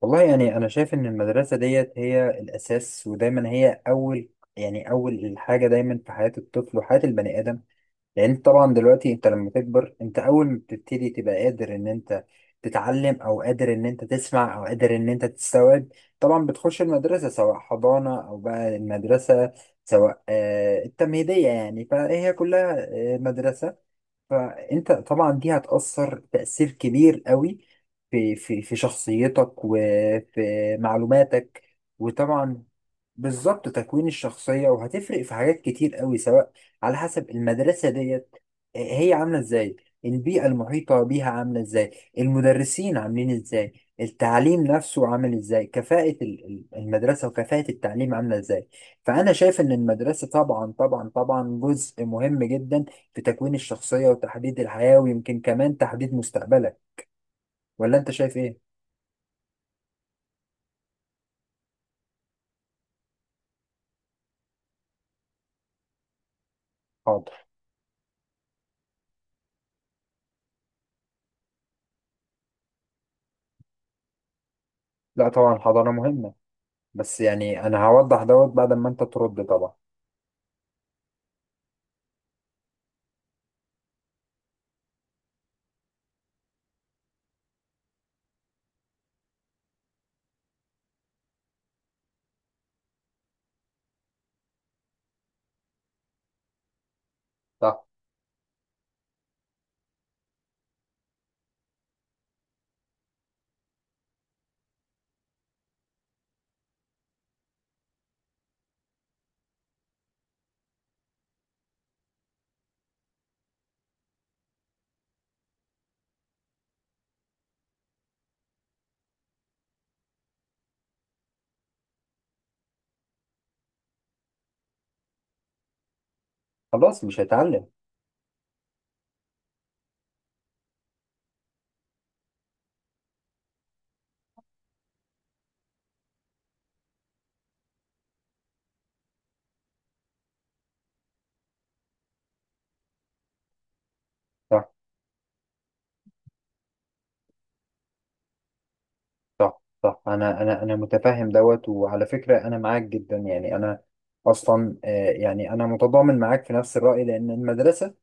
والله يعني أنا شايف إن المدرسة ديت هي الأساس ودايما هي أول، يعني أول الحاجة دايما في حياة الطفل وحياة البني آدم. لأن أنت طبعا دلوقتي أنت لما تكبر أنت أول ما بتبتدي تبقى قادر إن أنت تتعلم أو قادر إن أنت تسمع أو قادر إن أنت تستوعب. طبعا بتخش المدرسة سواء حضانة أو بقى المدرسة، سواء التمهيدية، يعني فهي كلها مدرسة. فانت طبعا دي هتأثر تأثير كبير قوي في في شخصيتك وفي معلوماتك. وطبعا بالظبط تكوين الشخصية، وهتفرق في حاجات كتير قوي سواء على حسب المدرسة ديت، هي عاملة ازاي، البيئة المحيطة بيها عاملة ازاي، المدرسين عاملين ازاي، التعليم نفسه عامل ازاي، كفاءة المدرسة وكفاءة التعليم عاملة ازاي. فأنا شايف إن المدرسة طبعا طبعا طبعا جزء مهم جدا في تكوين الشخصية وتحديد الحياة، ويمكن كمان تحديد مستقبلك. ولا أنت شايف إيه؟ حاضر. لا طبعا الحضانة مهمة، بس يعني أنا هوضح دوت بعد ما أنت ترد طبعا. صح. خلاص مش هيتعلم. صح، صح، صح. انا متفهم دوت، وعلى فكره انا معاك جدا. يعني انا اصلا، يعني انا متضامن معاك في نفس الراي، لان المدرسه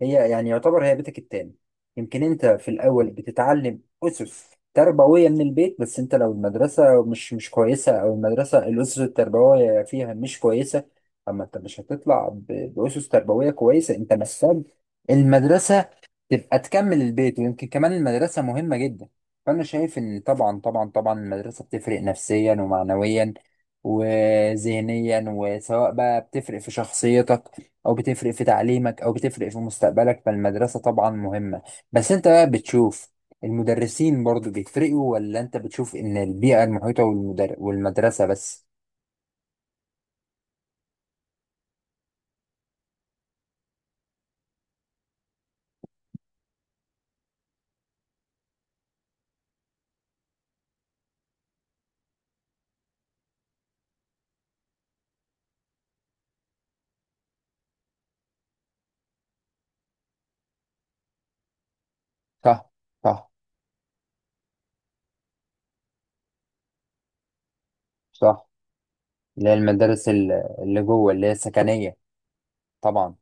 هي يعني يعتبر هي بيتك التاني. يمكن انت في الاول بتتعلم اسس تربويه من البيت، بس انت لو المدرسه مش كويسه، او المدرسه الاسس التربويه فيها مش كويسه، اما انت مش هتطلع باسس تربويه كويسه. انت محتاج المدرسه تبقى تكمل البيت، ويمكن كمان المدرسه مهمه جدا. فانا شايف ان طبعا طبعا طبعا المدرسه بتفرق نفسيا ومعنويا وذهنيا، وسواء بقى بتفرق في شخصيتك، او بتفرق في تعليمك، او بتفرق في مستقبلك، فالمدرسة طبعا مهمة. بس انت بقى بتشوف المدرسين برضو بيفرقوا، ولا انت بتشوف ان البيئة المحيطة والمدر... والمدرسة بس؟ صح، صح، صح. اللي هي المدارس اللي جوه، اللي هي السكنية. طبعا.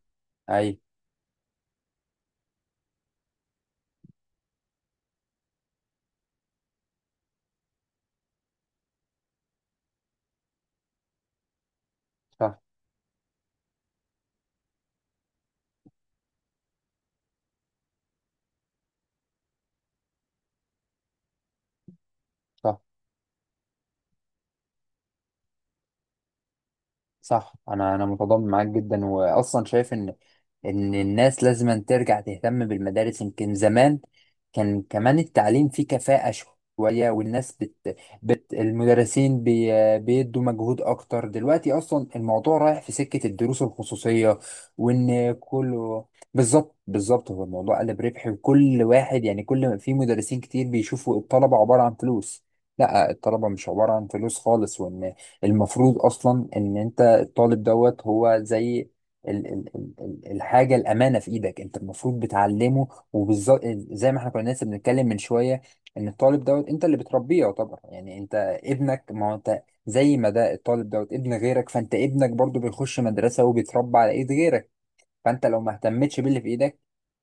اي. صح، صح، صح. انا متضامن معاك جدا، واصلا شايف ان ان الناس لازم ترجع تهتم بالمدارس. يمكن زمان كان كمان التعليم فيه كفاءة شوية، والناس بت, بت المدرسين بيدوا مجهود اكتر. دلوقتي اصلا الموضوع رايح في سكة الدروس الخصوصية، وان كله، بالظبط، بالظبط، هو الموضوع قلب ربحي. وكل واحد يعني كل ما في مدرسين كتير بيشوفوا الطلبة عبارة عن فلوس. لا، الطلبة مش عبارة عن فلوس خالص. وان المفروض اصلا ان انت الطالب دوت هو زي الحاجه الامانه في ايدك، انت المفروض بتعلمه. وبالظبط زي ما احنا كنا لسه بنتكلم من شويه، ان الطالب دوت انت اللي بتربيه، يعتبر يعني انت ابنك. ما هو انت زي ما ده الطالب دوت ابن غيرك، فانت ابنك برضو بيخش مدرسه وبيتربى على ايد غيرك. فانت لو ما اهتمتش باللي في ايدك،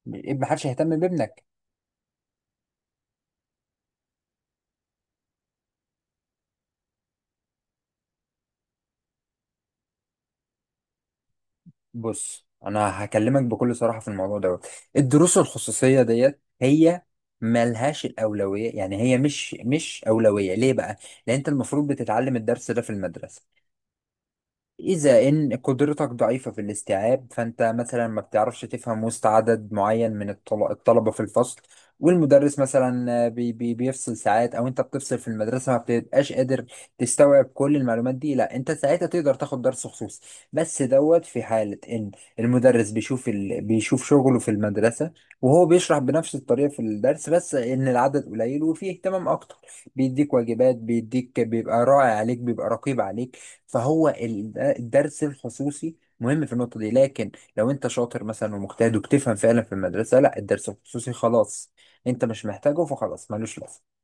ما حدش هيهتم بابنك. بص، انا هكلمك بكل صراحه في الموضوع دوت. الدروس الخصوصيه ديت هي ملهاش الاولويه. يعني هي مش اولويه. ليه بقى؟ لان انت المفروض بتتعلم الدرس ده في المدرسه. إذا إن قدرتك ضعيفة في الاستيعاب، فأنت مثلا ما بتعرفش تفهم وسط عدد معين من الطلبة في الفصل، والمدرس مثلا، بي بي بيفصل ساعات، أو أنت بتفصل في المدرسة ما بتبقاش قادر تستوعب كل المعلومات دي، لا أنت ساعتها تقدر تاخد درس خصوصي. بس دوت في حالة إن المدرس بيشوف ال... بيشوف شغله في المدرسة، وهو بيشرح بنفس الطريقة في الدرس، بس إن العدد قليل وفيه اهتمام أكتر. بيديك واجبات، بيديك، بيبقى راعي عليك، بيبقى رقيب عليك. فهو الدرس الخصوصي مهم في النقطة دي. لكن لو انت شاطر مثلا ومجتهد وبتفهم فعلا في المدرسة، لا الدرس الخصوصي خلاص انت مش محتاجه، فخلاص ملوش لازمة.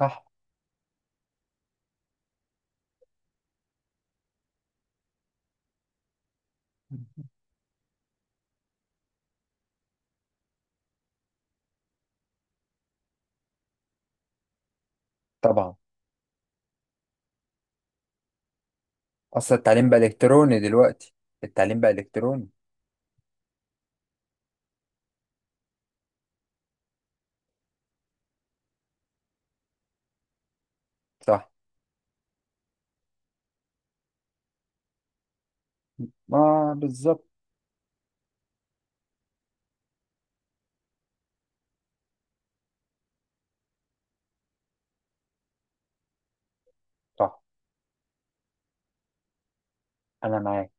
صح. طبعا اصل التعليم بقى الكتروني دلوقتي. التعليم بقى الكتروني. صح. ما بالظبط. صح انا معاك.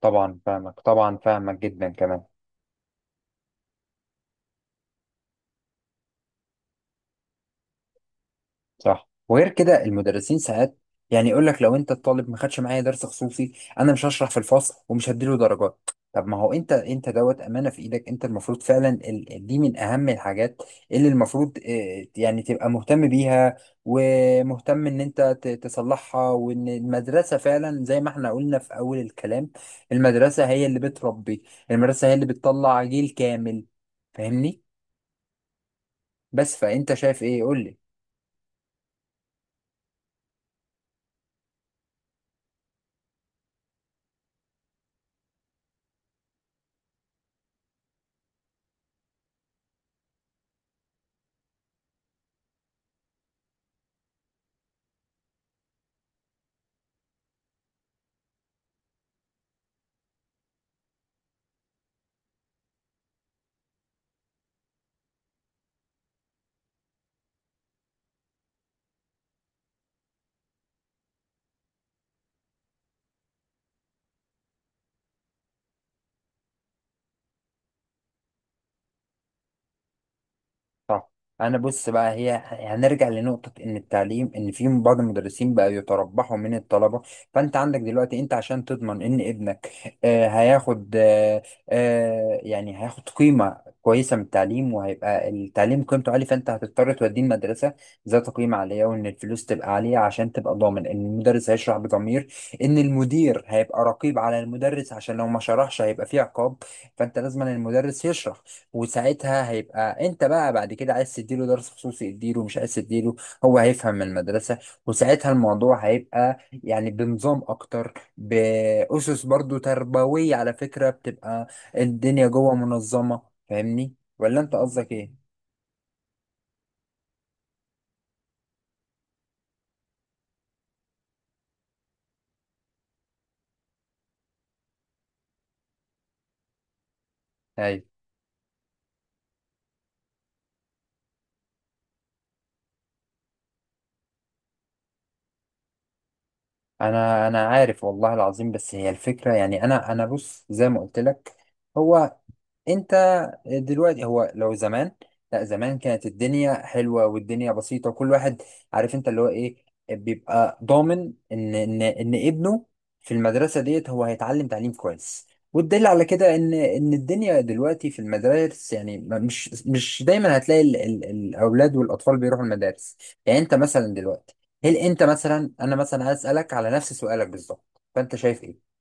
طبعا فاهمك، طبعا فاهمك جدا كمان. صح. وغير كده المدرسين ساعات يعني يقول لك لو انت الطالب ما خدش معايا درس خصوصي، انا مش هشرح في الفصل ومش هديله درجات. طب ما هو انت، انت دوت امانه في ايدك، انت المفروض فعلا دي من اهم الحاجات اللي المفروض يعني تبقى مهتم بيها، ومهتم ان انت تصلحها. وان المدرسه فعلا زي ما احنا قلنا في اول الكلام، المدرسه هي اللي بتربي، المدرسه هي اللي بتطلع جيل كامل. فاهمني؟ بس فانت شايف ايه؟ قول لي. صح. انا بص بقى، هي هنرجع لنقطة ان التعليم، ان في بعض المدرسين بقى يتربحوا من الطلبة. فانت عندك دلوقتي انت عشان تضمن ان ابنك، آه هياخد، آه آه، يعني هياخد قيمة كويسة من التعليم، وهيبقى التعليم قيمته عالية، فانت هتضطر توديه المدرسة ذات قيمة عالية، وان الفلوس تبقى عالية عشان تبقى ضامن ان المدرس هيشرح بضمير، ان المدير هيبقى رقيب على المدرس عشان لو ما شرحش هيبقى فيه عقاب. فانت لازم المدرس يشرح. وساعتها هيبقى انت بقى بعد كده عايز تديله درس خصوصي اديله، مش عايز تديله هو هيفهم من المدرسة. وساعتها الموضوع هيبقى يعني بنظام اكتر، بأسس برضو تربوية على فكرة، بتبقى الدنيا جوه منظمة. فاهمني ولا انت قصدك ايه؟ ايوه. انا عارف والله العظيم. بس هي الفكرة، يعني انا بص زي ما قلت لك، هو انت دلوقتي، هو لو زمان، لا زمان كانت الدنيا حلوه والدنيا بسيطه، وكل واحد عارف انت اللي هو ايه، بيبقى ضامن ان ان ابنه في المدرسه ديت هو هيتعلم تعليم كويس. والدليل على كده ان ان الدنيا دلوقتي في المدارس، يعني مش دايما هتلاقي ال ال الاولاد والاطفال بيروحوا المدارس. يعني انت مثلا دلوقتي، هل انت مثلا، انا مثلا هسالك على نفس سؤالك بالظبط، فانت شايف ايه؟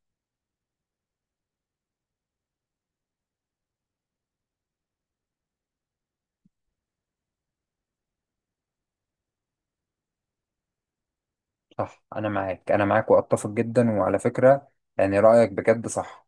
صح. انا معاك، انا معاك، واتفق جدا. وعلى فكرة يعني رأيك بجد صح.